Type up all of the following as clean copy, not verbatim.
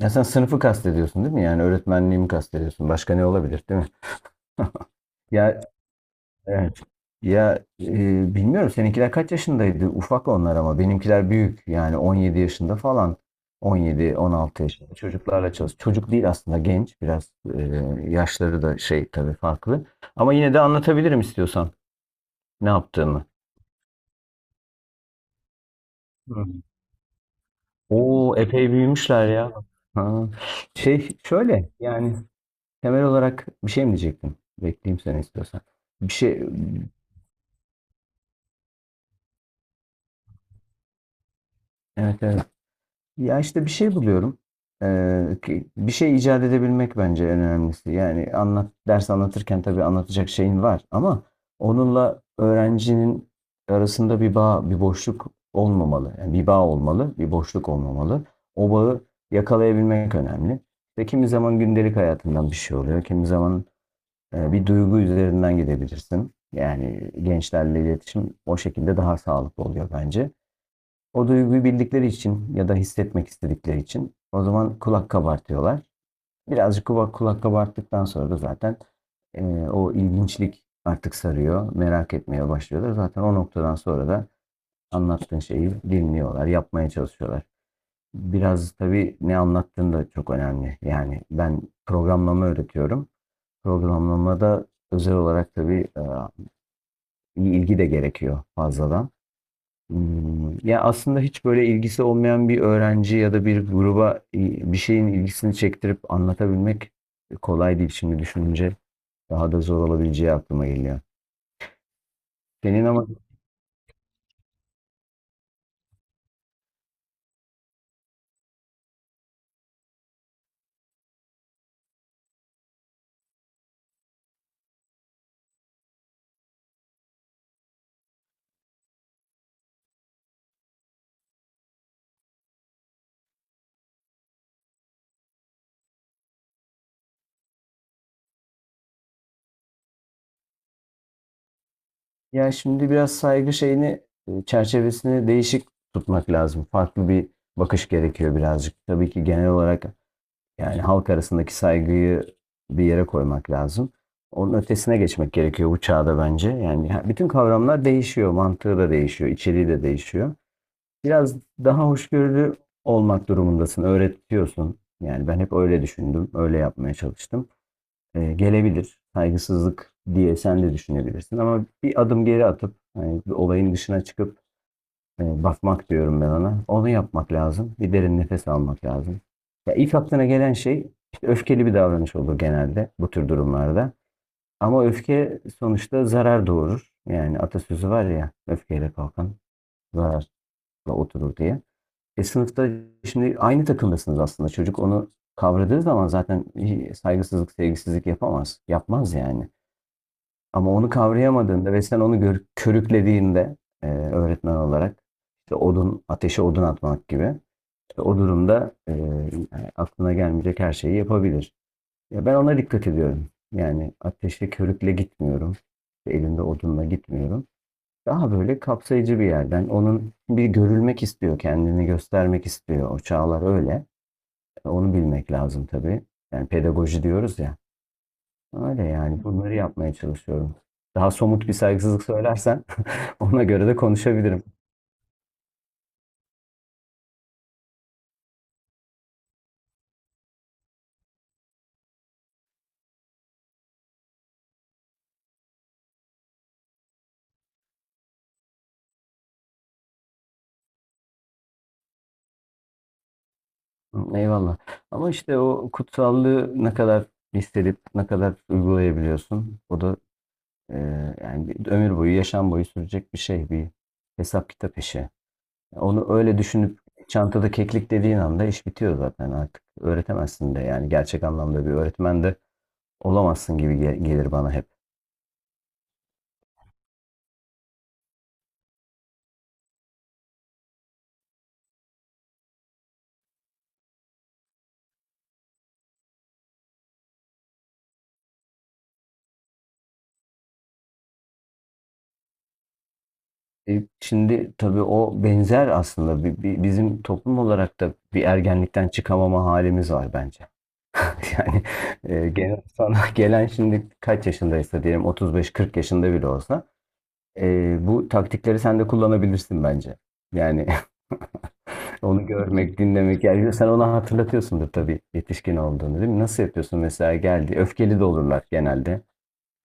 Ya sen sınıfı kastediyorsun, değil mi? Yani öğretmenliğimi kastediyorsun. Başka ne olabilir, değil mi? Ya, evet. Ya, bilmiyorum, seninkiler kaç yaşındaydı? Ufak onlar ama benimkiler büyük. Yani 17 yaşında falan. 17-16 yaşında çocuklarla çalış. Çocuk değil aslında, genç. Biraz yaşları da şey tabii farklı. Ama yine de anlatabilirim, istiyorsan ne yaptığımı. Hı. Oo, epey büyümüşler ya. Ha. Şey, şöyle yani. Temel olarak bir şey mi diyecektim? Bekleyeyim, seni istiyorsan. Bir şey. Evet, evet. Ya, işte bir şey buluyorum. Bir şey icat edebilmek bence en önemlisi. Yani ders anlatırken tabii anlatacak şeyin var ama onunla öğrencinin arasında bir bağ, bir boşluk olmamalı. Yani bir bağ olmalı, bir boşluk olmamalı. O bağı yakalayabilmek önemli. İşte kimi zaman gündelik hayatından bir şey oluyor, kimi zaman bir duygu üzerinden gidebilirsin. Yani gençlerle iletişim o şekilde daha sağlıklı oluyor bence. O duyguyu bildikleri için ya da hissetmek istedikleri için o zaman kulak kabartıyorlar. Birazcık kulak kabarttıktan sonra da zaten o ilginçlik artık sarıyor. Merak etmeye başlıyorlar. Zaten o noktadan sonra da anlattığın şeyi dinliyorlar, yapmaya çalışıyorlar. Biraz tabii ne anlattığın da çok önemli. Yani ben programlama öğretiyorum. Programlamada özel olarak tabii iyi ilgi de gerekiyor fazladan. Ya, aslında hiç böyle ilgisi olmayan bir öğrenci ya da bir gruba bir şeyin ilgisini çektirip anlatabilmek kolay değil. Şimdi düşününce daha da zor olabileceği aklıma geliyor. Senin ama. Ya şimdi biraz saygı şeyini, çerçevesini değişik tutmak lazım. Farklı bir bakış gerekiyor birazcık. Tabii ki genel olarak, yani halk arasındaki saygıyı bir yere koymak lazım. Onun ötesine geçmek gerekiyor bu çağda bence. Yani bütün kavramlar değişiyor, mantığı da değişiyor, içeriği de değişiyor. Biraz daha hoşgörülü olmak durumundasın, öğretiyorsun. Yani ben hep öyle düşündüm, öyle yapmaya çalıştım. Gelebilir, saygısızlık diye sen de düşünebilirsin ama bir adım geri atıp, yani olayın dışına çıkıp bakmak diyorum ben ona. Onu yapmak lazım. Bir derin nefes almak lazım. Ya ilk aklına gelen şey işte öfkeli bir davranış olur, genelde bu tür durumlarda. Ama öfke sonuçta zarar doğurur. Yani atasözü var ya, öfkeyle kalkan zararla oturur diye. Sınıfta şimdi aynı takımdasınız aslında. Çocuk onu kavradığı zaman zaten saygısızlık, sevgisizlik yapamaz. Yapmaz yani. Ama onu kavrayamadığında ve sen onu körüklediğinde öğretmen olarak işte odun, ateşe odun atmak gibi, işte o durumda aklına gelmeyecek her şeyi yapabilir. Ya, ben ona dikkat ediyorum. Yani ateşe körükle gitmiyorum. İşte elimde odunla gitmiyorum. Daha böyle kapsayıcı bir yerden. Onun bir görülmek istiyor, kendini göstermek istiyor. O çağlar öyle. Onu bilmek lazım tabii. Yani pedagoji diyoruz ya. Öyle yani, bunları yapmaya çalışıyorum. Daha somut bir saygısızlık söylersen ona göre de konuşabilirim. Eyvallah. Ama işte o kutsallığı ne kadar hissedip ne kadar uygulayabiliyorsun. O da e, yani bir ömür boyu, yaşam boyu sürecek bir şey, bir hesap kitap işi. Onu öyle düşünüp çantada keklik dediğin anda iş bitiyor zaten artık. Öğretemezsin de, yani gerçek anlamda bir öğretmen de olamazsın gibi gelir bana hep. Şimdi tabii o benzer aslında, bizim toplum olarak da bir ergenlikten çıkamama halimiz var bence. Yani gene sana gelen, şimdi kaç yaşındaysa, diyelim 35-40 yaşında bile olsa bu taktikleri sen de kullanabilirsin bence. Yani onu görmek, dinlemek. Yani sen ona hatırlatıyorsundur tabii yetişkin olduğunu, değil mi? Nasıl yapıyorsun mesela, geldi. Öfkeli de olurlar genelde.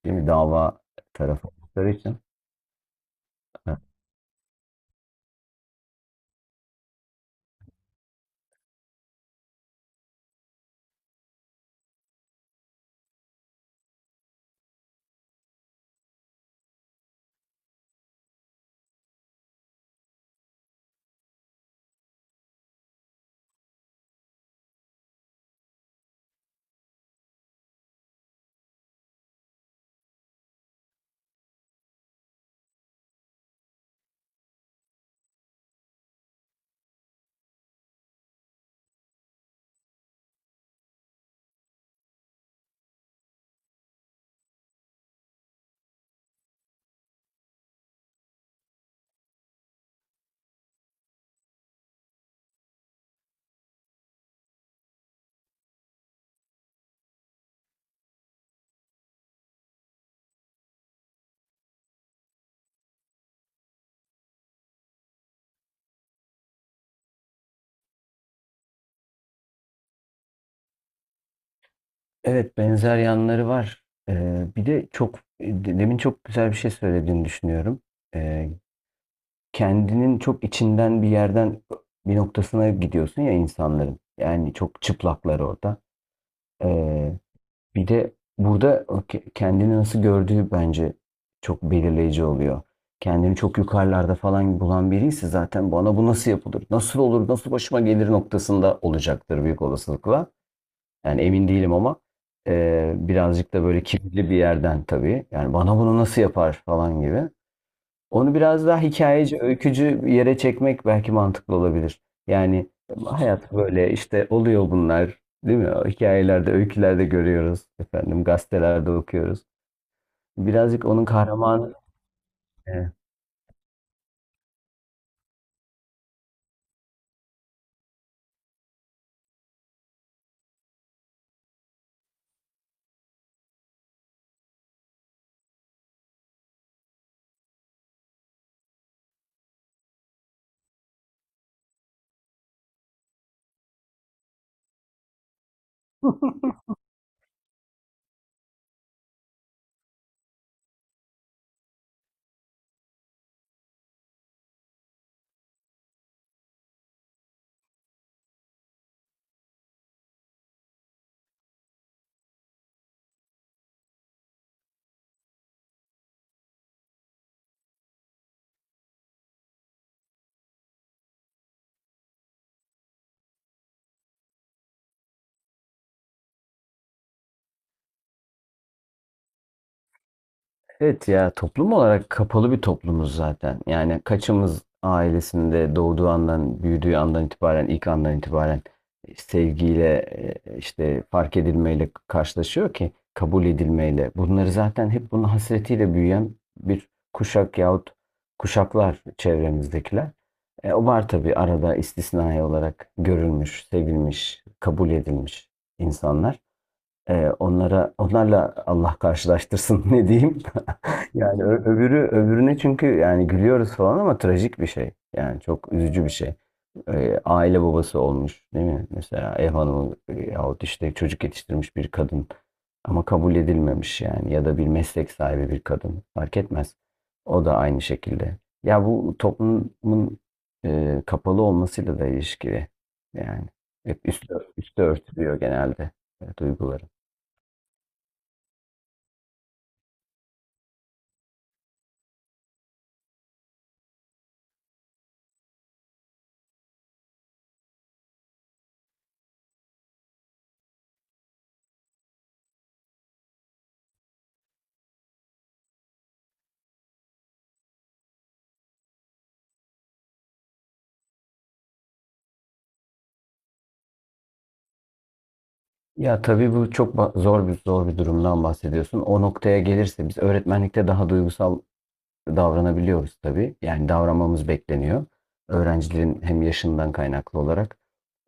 Değil mi? Dava tarafı oldukları için. Evet, benzer yanları var. Bir de çok demin çok güzel bir şey söylediğini düşünüyorum. Eee, Kendinin çok içinden bir yerden bir noktasına gidiyorsun ya insanların. Yani çok çıplaklar orada. Eee, Bir de burada o kendini nasıl gördüğü bence çok belirleyici oluyor. Kendini çok yukarılarda falan bulan biriyse zaten bana bu nasıl yapılır, nasıl olur, nasıl başıma gelir noktasında olacaktır büyük olasılıkla. Yani emin değilim ama birazcık da böyle kibirli bir yerden tabii. Yani bana bunu nasıl yapar falan gibi. Onu biraz daha hikayeci, öykücü bir yere çekmek belki mantıklı olabilir. Yani hayat böyle işte, oluyor bunlar, değil mi? O hikayelerde, öykülerde görüyoruz efendim, gazetelerde okuyoruz. Birazcık onun kahramanı. Evet, ya toplum olarak kapalı bir toplumuz zaten. Yani kaçımız ailesinde doğduğu andan, büyüdüğü andan itibaren, ilk andan itibaren sevgiyle, işte fark edilmeyle karşılaşıyor ki kabul edilmeyle. Bunları zaten hep bunun hasretiyle büyüyen bir kuşak yahut kuşaklar çevremizdekiler. O var tabii, arada istisnai olarak görülmüş, sevilmiş, kabul edilmiş insanlar. Onlara Onlarla Allah karşılaştırsın, ne diyeyim? Yani öbürü öbürüne, çünkü yani gülüyoruz falan ama trajik bir şey. Yani çok üzücü bir şey. Aile babası olmuş, değil mi? Mesela ev hanımı yahut işte çocuk yetiştirmiş bir kadın ama kabul edilmemiş yani, ya da bir meslek sahibi bir kadın, fark etmez. O da aynı şekilde. Ya bu toplumun kapalı olmasıyla da ilişkili. Yani hep üstü örtülüyor genelde duyguları. Ya tabii bu çok zor bir durumdan bahsediyorsun. O noktaya gelirse biz öğretmenlikte daha duygusal davranabiliyoruz tabii. Yani davranmamız bekleniyor. Öğrencilerin hem yaşından kaynaklı olarak,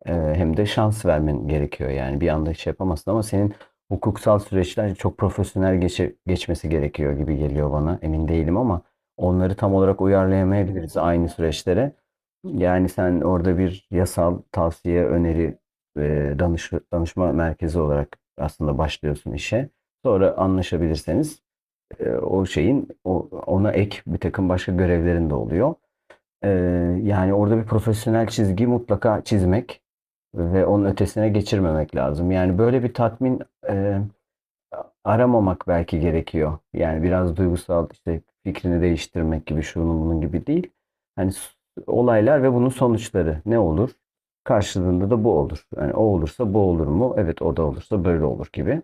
Hem de şans vermen gerekiyor, yani bir anda şey yapamazsın ama senin hukuksal süreçler çok profesyonel geçmesi gerekiyor gibi geliyor bana. Emin değilim ama onları tam olarak uyarlayamayabiliriz aynı süreçlere. Yani sen orada bir yasal tavsiye, öneri, danışma merkezi olarak aslında başlıyorsun işe. Sonra anlaşabilirseniz ona ek bir takım başka görevlerin de oluyor. Ee, Yani orada bir profesyonel çizgi mutlaka çizmek ve onun ötesine geçirmemek lazım. Yani böyle bir tatmin e, aramamak belki gerekiyor. Yani biraz duygusal işte, fikrini değiştirmek gibi, şunun bunun gibi değil. Hani olaylar ve bunun sonuçları ne olur? Karşılığında da bu olur. Yani o olursa bu olur mu? Evet, o da olursa böyle olur gibi.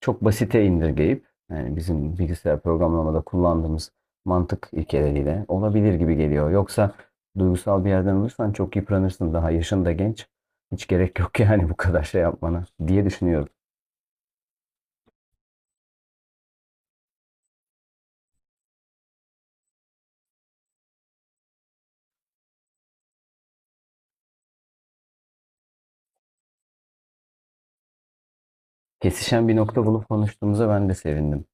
Çok basite indirgeyip, yani bizim bilgisayar programlamada kullandığımız mantık ilkeleriyle olabilir gibi geliyor. Yoksa duygusal bir yerden olursan çok yıpranırsın. Daha yaşın da genç. Hiç gerek yok yani bu kadar şey yapmana, diye düşünüyorum. Kesişen bir nokta bulup konuştuğumuza ben de sevindim.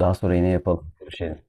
Daha sonra yine yapalım, görüşelim.